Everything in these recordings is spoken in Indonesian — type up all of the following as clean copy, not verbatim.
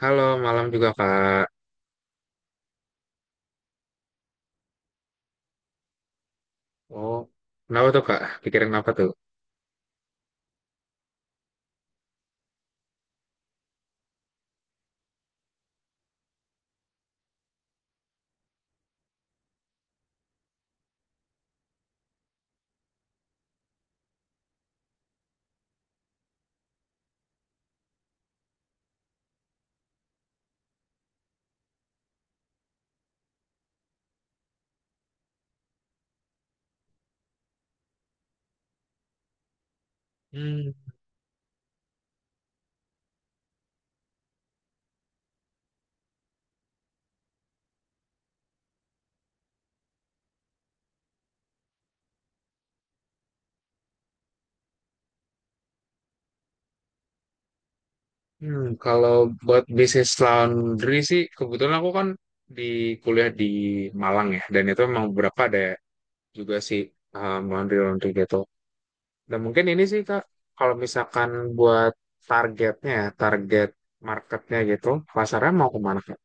Halo, malam juga Kak. Oh, kenapa tuh Kak? Pikirin apa tuh? Hmm, kalau buat bisnis laundry sih, kebetulan aku kan di kuliah di Malang ya, dan itu memang beberapa ada juga sih laundry-laundry gitu. Dan mungkin ini sih Kak, kalau misalkan buat targetnya, ya, target marketnya gitu, pasarnya mau kemana Kak?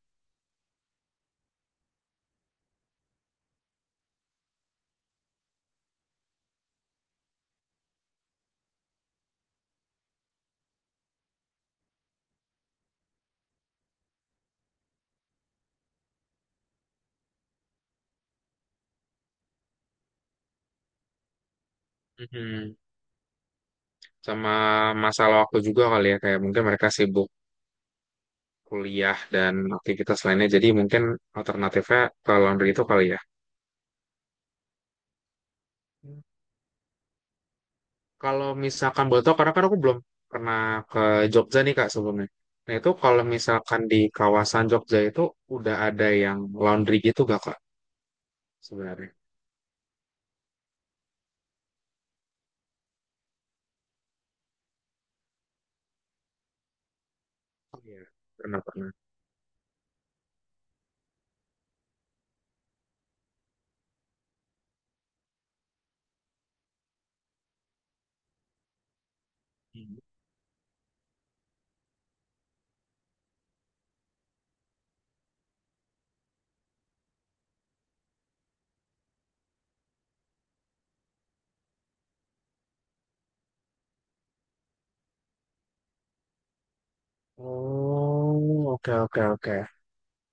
Mhm. Sama masalah waktu juga kali ya, kayak mungkin mereka sibuk kuliah dan aktivitas lainnya. Jadi mungkin alternatifnya ke laundry itu kali ya. Kalau misalkan boleh tahu, karena kan aku belum pernah ke Jogja nih Kak sebelumnya. Nah itu kalau misalkan di kawasan Jogja itu udah ada yang laundry gitu gak Kak sebenarnya? Oh iya, pernah pernah. Hmm. Oh, oke oke oke.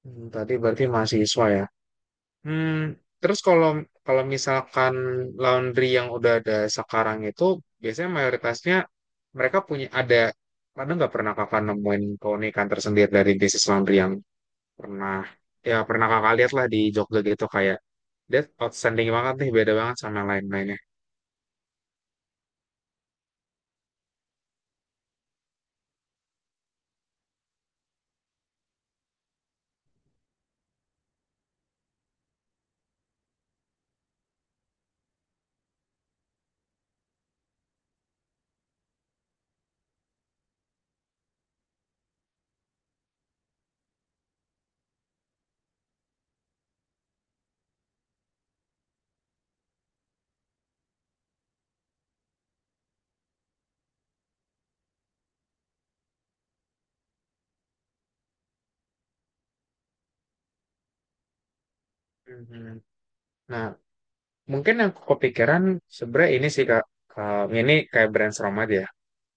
Hmm, tadi berarti mahasiswa ya. Hmm, terus kalau kalau misalkan laundry yang udah ada sekarang itu biasanya mayoritasnya mereka punya ada nggak pernah kakak nemuin keunikan tersendiri dari bisnis laundry yang pernah, ya pernah kakak lihat lah di Jogja gitu, kayak that outstanding banget nih, beda banget sama yang lain-lainnya. Mhm. Nah mungkin yang kepikiran sebenarnya ini sih kak. Ini kayak brainstorm aja.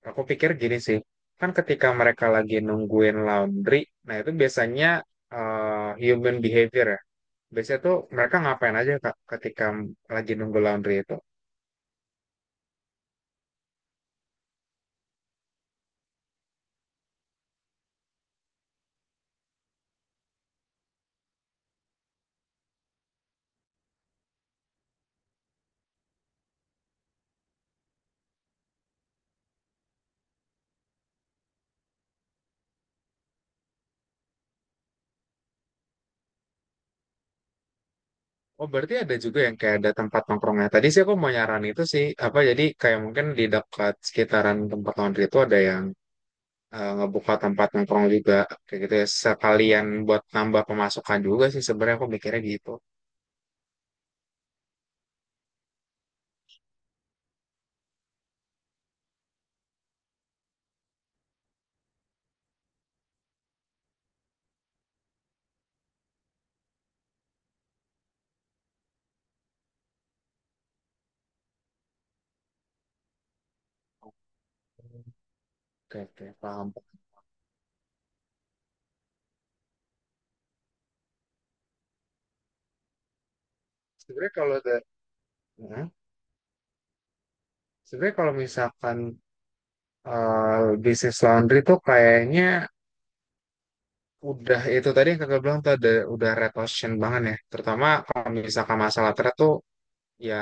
Aku pikir gini sih, kan ketika mereka lagi nungguin laundry, nah itu biasanya human behavior ya. Biasanya tuh mereka ngapain aja Kak, ketika lagi nunggu laundry itu. Oh berarti ada juga yang kayak ada tempat nongkrongnya. Tadi sih aku mau nyaran itu sih, apa jadi kayak mungkin di dekat sekitaran tempat laundry itu ada yang ngebuka tempat nongkrong juga. Kayak gitu ya, sekalian buat nambah pemasukan juga sih sebenarnya aku mikirnya gitu. Oke, oke, paham. Sebenarnya kalau ada, nah, sebenarnya kalau misalkan bisnis laundry tuh kayaknya udah itu tadi yang kakak bilang tuh ada udah red ocean banget ya. Terutama kalau misalkan masalah thread tuh ya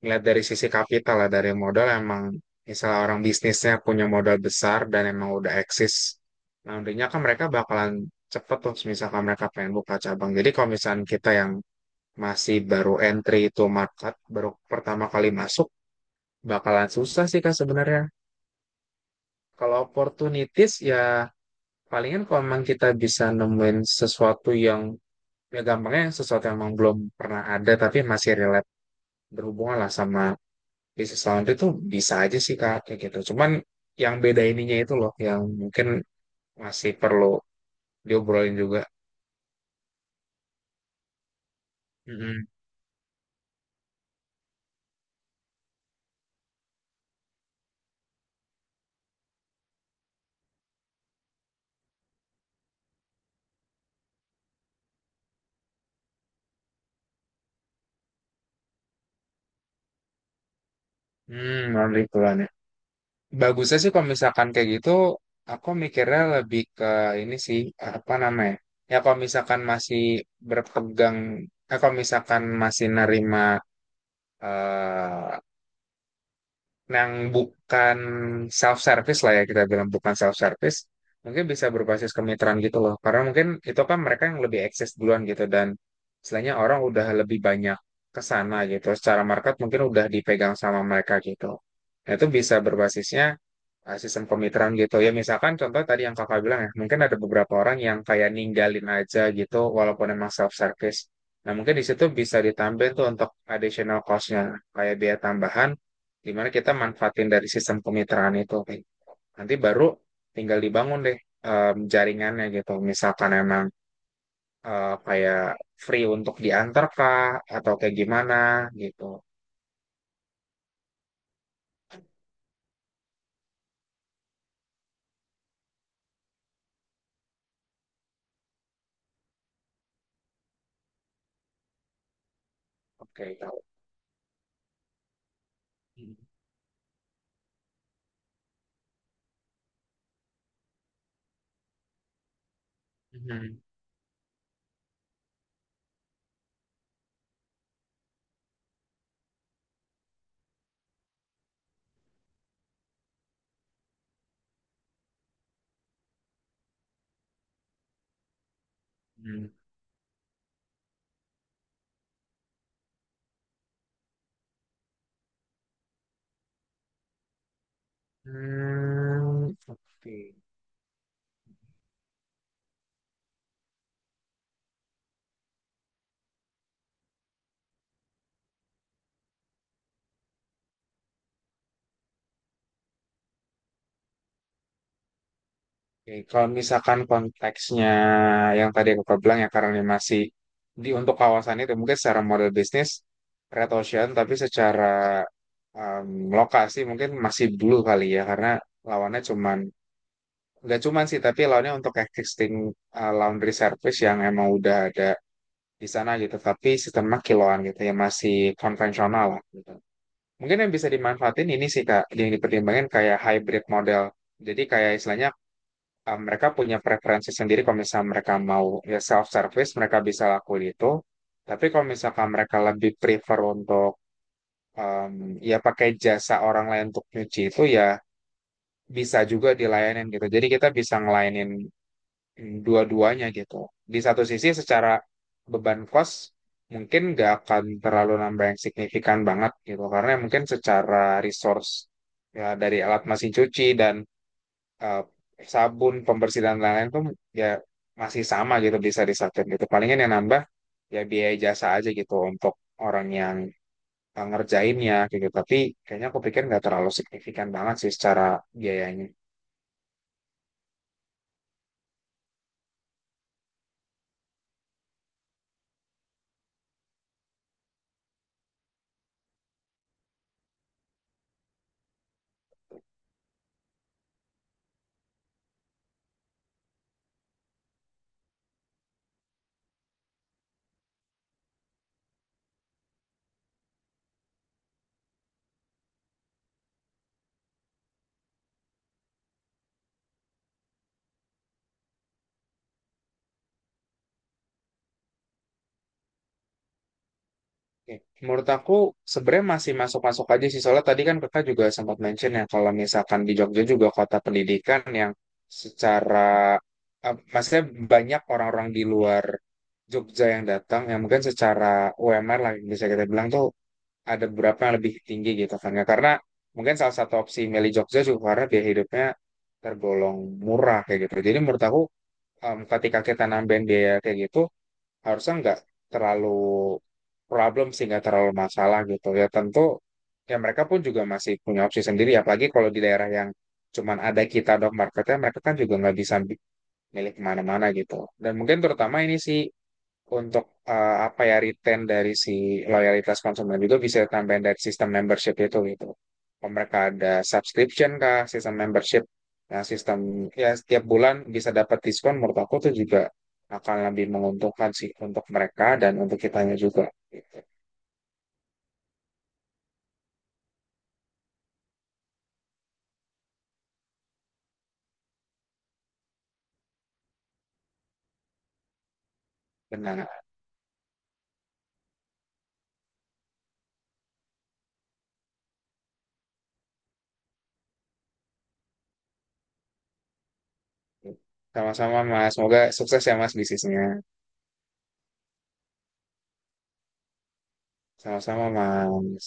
ngeliat dari sisi kapital lah dari modal, emang misalnya orang bisnisnya punya modal besar dan emang udah eksis. Laundrynya kan mereka bakalan cepet tuh misalkan mereka pengen buka cabang. Jadi kalau misalkan kita yang masih baru entry itu market baru pertama kali masuk bakalan susah sih kak sebenarnya. Kalau opportunities ya palingan kalau memang kita bisa nemuin sesuatu yang, ya gampangnya sesuatu yang memang belum pernah ada tapi masih relate, berhubungan lah sama bisnis laundry itu, bisa aja sih kak kayak gitu, cuman yang beda ininya itu loh yang mungkin masih perlu diobrolin juga. mm Hmm, laundry puluhan ya. Bagusnya sih kalau misalkan kayak gitu, aku mikirnya lebih ke ini sih, apa namanya? Ya kalau misalkan masih berpegang, kalau misalkan masih nerima eh, yang bukan self service lah ya kita bilang bukan self service, mungkin bisa berbasis kemitraan gitu loh, karena mungkin itu kan mereka yang lebih eksis duluan gitu dan istilahnya orang udah lebih banyak ke sana gitu, secara market mungkin udah dipegang sama mereka gitu. Nah, itu bisa berbasisnya sistem kemitraan gitu ya. Misalkan contoh tadi yang kakak bilang ya, mungkin ada beberapa orang yang kayak ninggalin aja gitu walaupun emang self service, nah mungkin di situ bisa ditambahin tuh untuk additional cost-nya kayak biaya tambahan dimana kita manfaatin dari sistem kemitraan itu. Kayak nanti baru tinggal dibangun deh jaringannya gitu, misalkan emang kayak free untuk diantar kah atau kayak gimana gitu. Oke tahu. Mhm. Mhm. Hmm, hmm, oke. Oke, kalau misalkan konteksnya yang tadi aku bilang ya, karena ini masih di untuk kawasan itu, mungkin secara model bisnis Red Ocean tapi secara lokasi mungkin masih blue kali ya, karena lawannya cuman, nggak cuman sih, tapi lawannya untuk existing laundry service yang emang udah ada di sana gitu, tapi sistemnya kiloan gitu ya, masih konvensional lah gitu. Mungkin yang bisa dimanfaatin ini sih Kak, yang dipertimbangkan kayak hybrid model. Jadi kayak istilahnya mereka punya preferensi sendiri. Kalau misalnya mereka mau ya self service, mereka bisa lakuin itu, tapi kalau misalkan mereka lebih prefer untuk um, ya pakai jasa orang lain untuk nyuci itu, ya bisa juga dilayanin gitu. Jadi kita bisa ngelayanin dua-duanya gitu. Di satu sisi secara beban cost mungkin nggak akan terlalu nambah yang signifikan banget gitu, karena mungkin secara resource ya, dari alat mesin cuci dan eh, sabun pembersih dan lain-lain tuh ya masih sama gitu, bisa disatuin gitu. Palingan yang nambah ya biaya jasa aja gitu untuk orang yang ngerjainnya kayak gitu, tapi kayaknya aku pikir nggak terlalu signifikan banget sih secara biayanya. Oke. Menurut aku sebenarnya masih masuk-masuk aja sih, soalnya tadi kan kakak juga sempat mention ya, kalau misalkan di Jogja juga kota pendidikan yang secara maksudnya banyak orang-orang di luar Jogja yang datang, yang mungkin secara UMR lah bisa kita bilang tuh ada beberapa yang lebih tinggi gitu kan ya. Karena mungkin salah satu opsi milih Jogja juga karena biaya hidupnya tergolong murah kayak gitu. Jadi menurut aku ketika kita nambahin biaya kayak gitu harusnya nggak terlalu problem sih, nggak terlalu masalah gitu ya. Tentu ya mereka pun juga masih punya opsi sendiri, apalagi kalau di daerah yang cuman ada kita dok marketnya, mereka kan juga nggak bisa milih kemana-mana gitu. Dan mungkin terutama ini sih untuk apa ya return dari si loyalitas konsumen, juga bisa tambahin dari sistem membership itu gitu. Oh, mereka ada subscription kah, sistem membership, nah sistem ya setiap bulan bisa dapat diskon. Menurut aku tuh juga akan lebih menguntungkan sih untuk mereka dan untuk kitanya juga. Gitu. Benar. Sama-sama Mas, semoga sukses ya Mas bisnisnya. Sama-sama Mas.